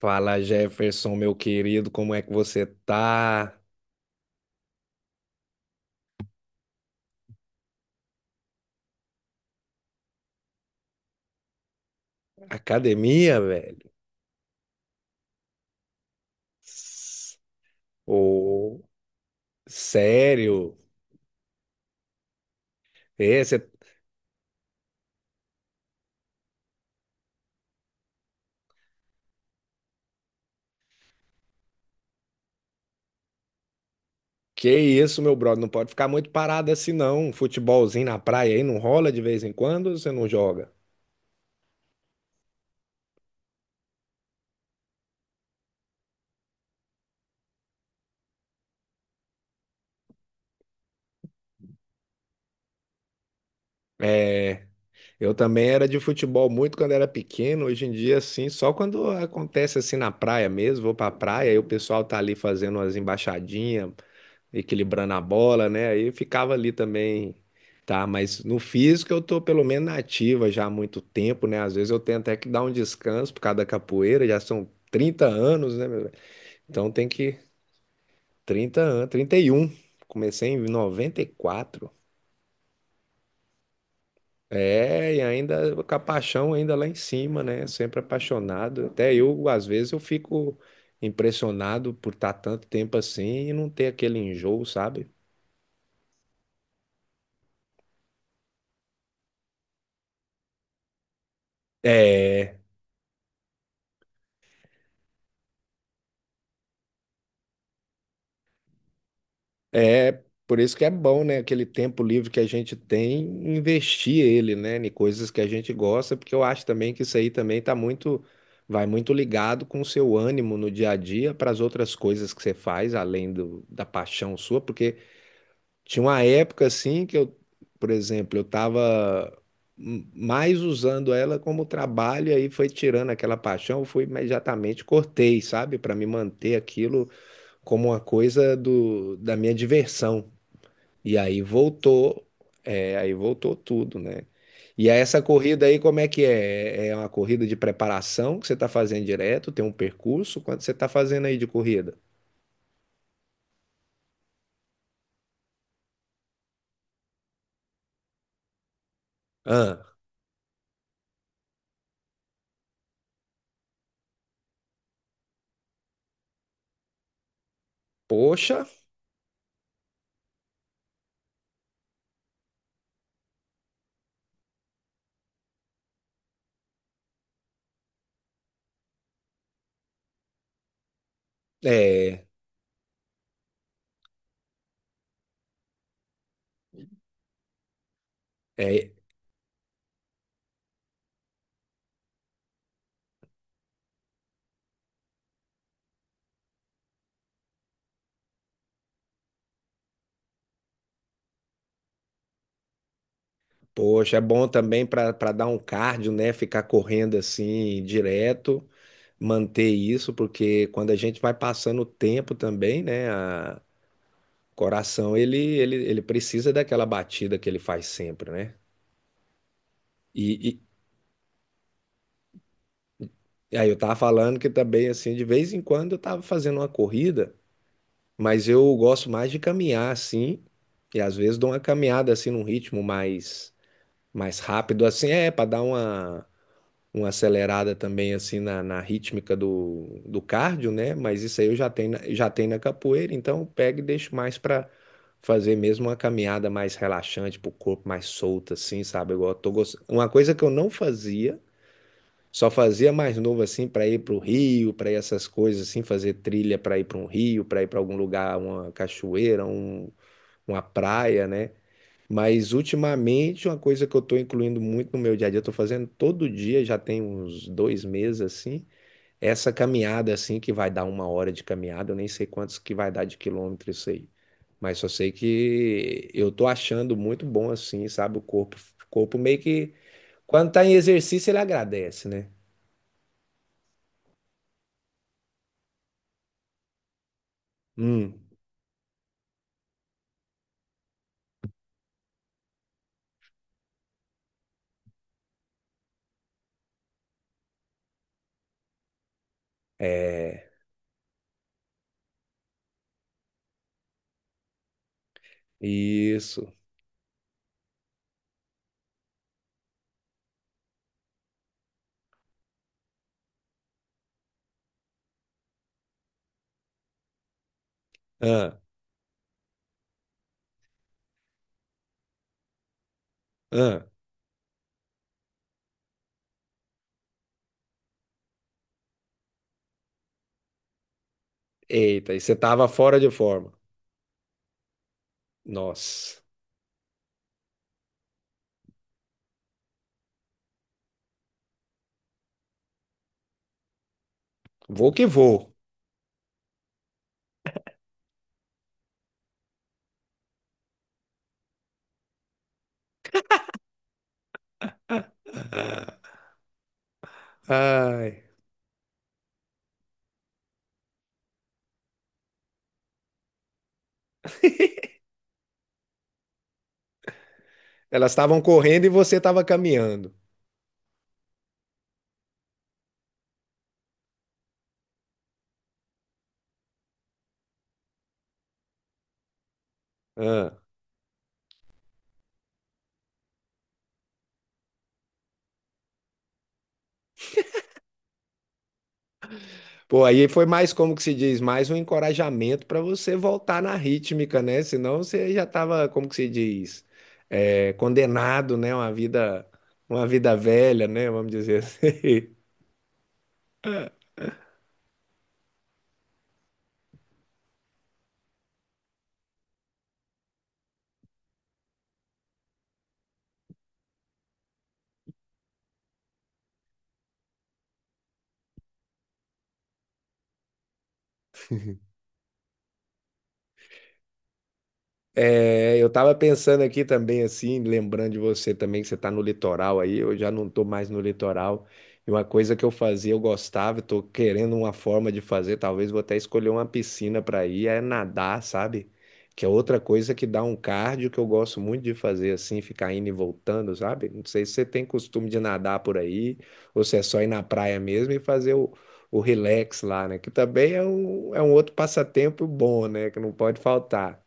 Fala Jefferson, meu querido, como é que você tá? Academia, velho? S- Ô, sério? É. Que isso, meu brother? Não pode ficar muito parado assim, não. Um futebolzinho na praia aí não rola de vez em quando ou você não joga? É, eu também era de futebol muito quando era pequeno. Hoje em dia, assim, só quando acontece assim na praia mesmo, vou pra praia e o pessoal tá ali fazendo umas embaixadinhas, equilibrando a bola, né? Aí eu ficava ali também, tá? Mas no físico eu tô pelo menos na ativa já há muito tempo, né? Às vezes eu tenho até que dar um descanso por causa da capoeira, já são 30 anos, né, meu velho? Então tem que 30 anos, 31. Comecei em 94. É, e ainda com a paixão ainda lá em cima, né? Sempre apaixonado. Até eu, às vezes, eu fico impressionado por estar tanto tempo assim e não ter aquele enjoo, sabe? É. É por isso que é bom, né? Aquele tempo livre que a gente tem, investir ele, né? Em coisas que a gente gosta, porque eu acho também que isso aí também vai muito ligado com o seu ânimo no dia a dia para as outras coisas que você faz, além da paixão sua, porque tinha uma época assim que eu, por exemplo, eu tava mais usando ela como trabalho, e aí foi tirando aquela paixão, eu fui imediatamente cortei, sabe? Para me manter aquilo como uma coisa da minha diversão. E aí voltou, é, aí voltou tudo, né? E aí essa corrida aí, como é que é? É uma corrida de preparação que você está fazendo direto? Tem um percurso? Quanto você está fazendo aí de corrida? Ah, poxa, é, é, poxa, é bom também para dar um cardio, né? Ficar correndo assim direto, manter isso, porque quando a gente vai passando o tempo também, né? O coração ele precisa daquela batida que ele faz sempre, né? E, E aí eu tava falando que também, assim, de vez em quando eu tava fazendo uma corrida, mas eu gosto mais de caminhar, assim, e às vezes dou uma caminhada, assim, num ritmo mais rápido, assim, é, para dar uma acelerada também, assim, na rítmica do cardio, né? Mas isso aí eu já tenho, já tenho na capoeira, então eu pego e deixo mais pra fazer mesmo uma caminhada mais relaxante, pro corpo mais solto, assim, sabe? Igual eu tô gost... Uma coisa que eu não fazia só fazia mais novo assim para ir para o Rio, para ir essas coisas assim, fazer trilha para ir para um rio, para ir para algum lugar, uma cachoeira, uma praia, né? Mas ultimamente uma coisa que eu estou incluindo muito no meu dia a dia, eu tô fazendo todo dia, já tem uns 2 meses assim, é essa caminhada assim que vai dar uma hora de caminhada, eu nem sei quantos que vai dar de quilômetro isso aí, mas só sei que eu tô achando muito bom assim, sabe? O corpo meio que quando tá em exercício ele agradece, né? Hum. É, isso. Ah, ah. Eita, e você tava fora de forma. Nossa, vou que vou. Ai, elas estavam correndo e você estava caminhando. Ah. Pô, aí foi mais, como que se diz, mais um encorajamento para você voltar na rítmica, né? Senão você já estava, como que se diz, é, condenado, né? Uma vida velha, né? Vamos dizer assim. É, eu tava pensando aqui também, assim, lembrando de você também, que você tá no litoral aí, eu já não tô mais no litoral. E uma coisa que eu fazia, eu gostava, eu tô querendo uma forma de fazer, talvez vou até escolher uma piscina pra ir, é nadar, sabe? Que é outra coisa que dá um cardio que eu gosto muito de fazer, assim, ficar indo e voltando, sabe? Não sei se você tem costume de nadar por aí, ou se é só ir na praia mesmo e fazer o relax lá, né? Que também é um outro passatempo bom, né? Que não pode faltar.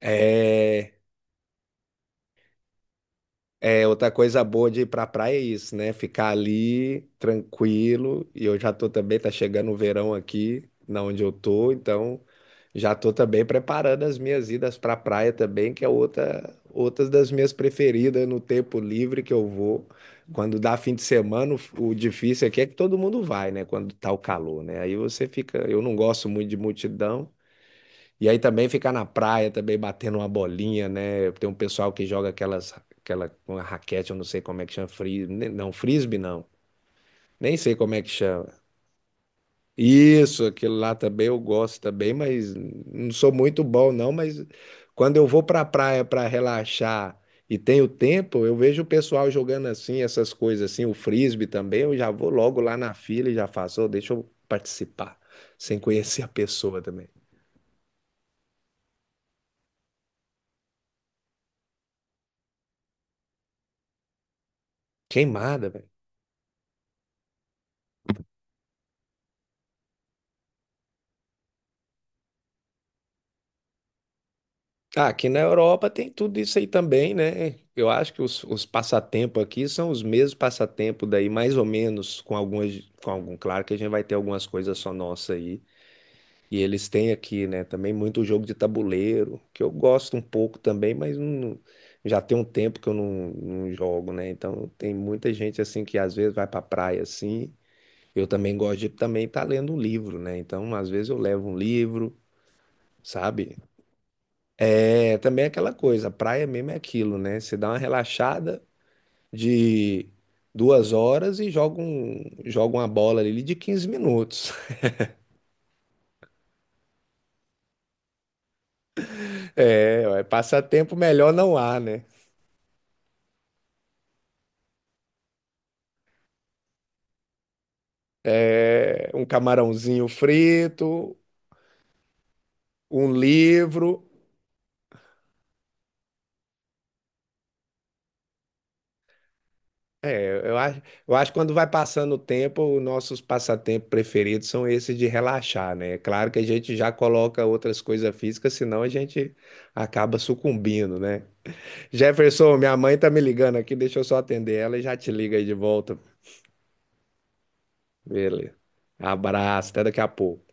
É, é outra coisa boa de ir pra praia é isso, né? Ficar ali tranquilo. E eu já tô também, tá chegando o verão aqui, na onde eu tô, então já tô também preparando as minhas idas pra praia também, que é outras das minhas preferidas, né? No tempo livre que eu vou. Quando dá fim de semana, o difícil aqui é que todo mundo vai, né? Quando tá o calor, né? Aí você fica, eu não gosto muito de multidão. E aí também ficar na praia, também batendo uma bolinha, né? Tem um pessoal que joga aquela uma raquete, eu não sei como é que chama, não, frisbee não. Nem sei como é que chama. Isso, aquilo lá também eu gosto também, mas não sou muito bom não, mas quando eu vou pra praia pra relaxar e tenho tempo, eu vejo o pessoal jogando assim, essas coisas assim, o frisbee também, eu já vou logo lá na fila e já faço, "Ô, deixa eu participar, sem conhecer a pessoa também. Queimada, velho. Ah, aqui na Europa tem tudo isso aí também, né? Eu acho que os passatempos aqui são os mesmos passatempos daí, mais ou menos, com algumas, com algum, claro que a gente vai ter algumas coisas só nossa aí. E eles têm aqui, né, também muito jogo de tabuleiro, que eu gosto um pouco também, já tem um tempo que eu não jogo, né? Então tem muita gente assim que às vezes vai pra praia assim. Eu também gosto de também estar lendo um livro, né? Então às vezes eu levo um livro, sabe? É também é aquela coisa, a praia mesmo é aquilo, né? Você dá uma relaxada de 2 horas e joga uma bola ali de 15 minutos. É, ué, passatempo melhor não há, né? É, um camarãozinho frito, um livro. É, eu acho que quando vai passando o tempo, os nossos passatempos preferidos são esses de relaxar, né? É claro que a gente já coloca outras coisas físicas, senão a gente acaba sucumbindo, né? Jefferson, minha mãe tá me ligando aqui, deixa eu só atender ela e já te liga aí de volta. Beleza. Abraço, até daqui a pouco.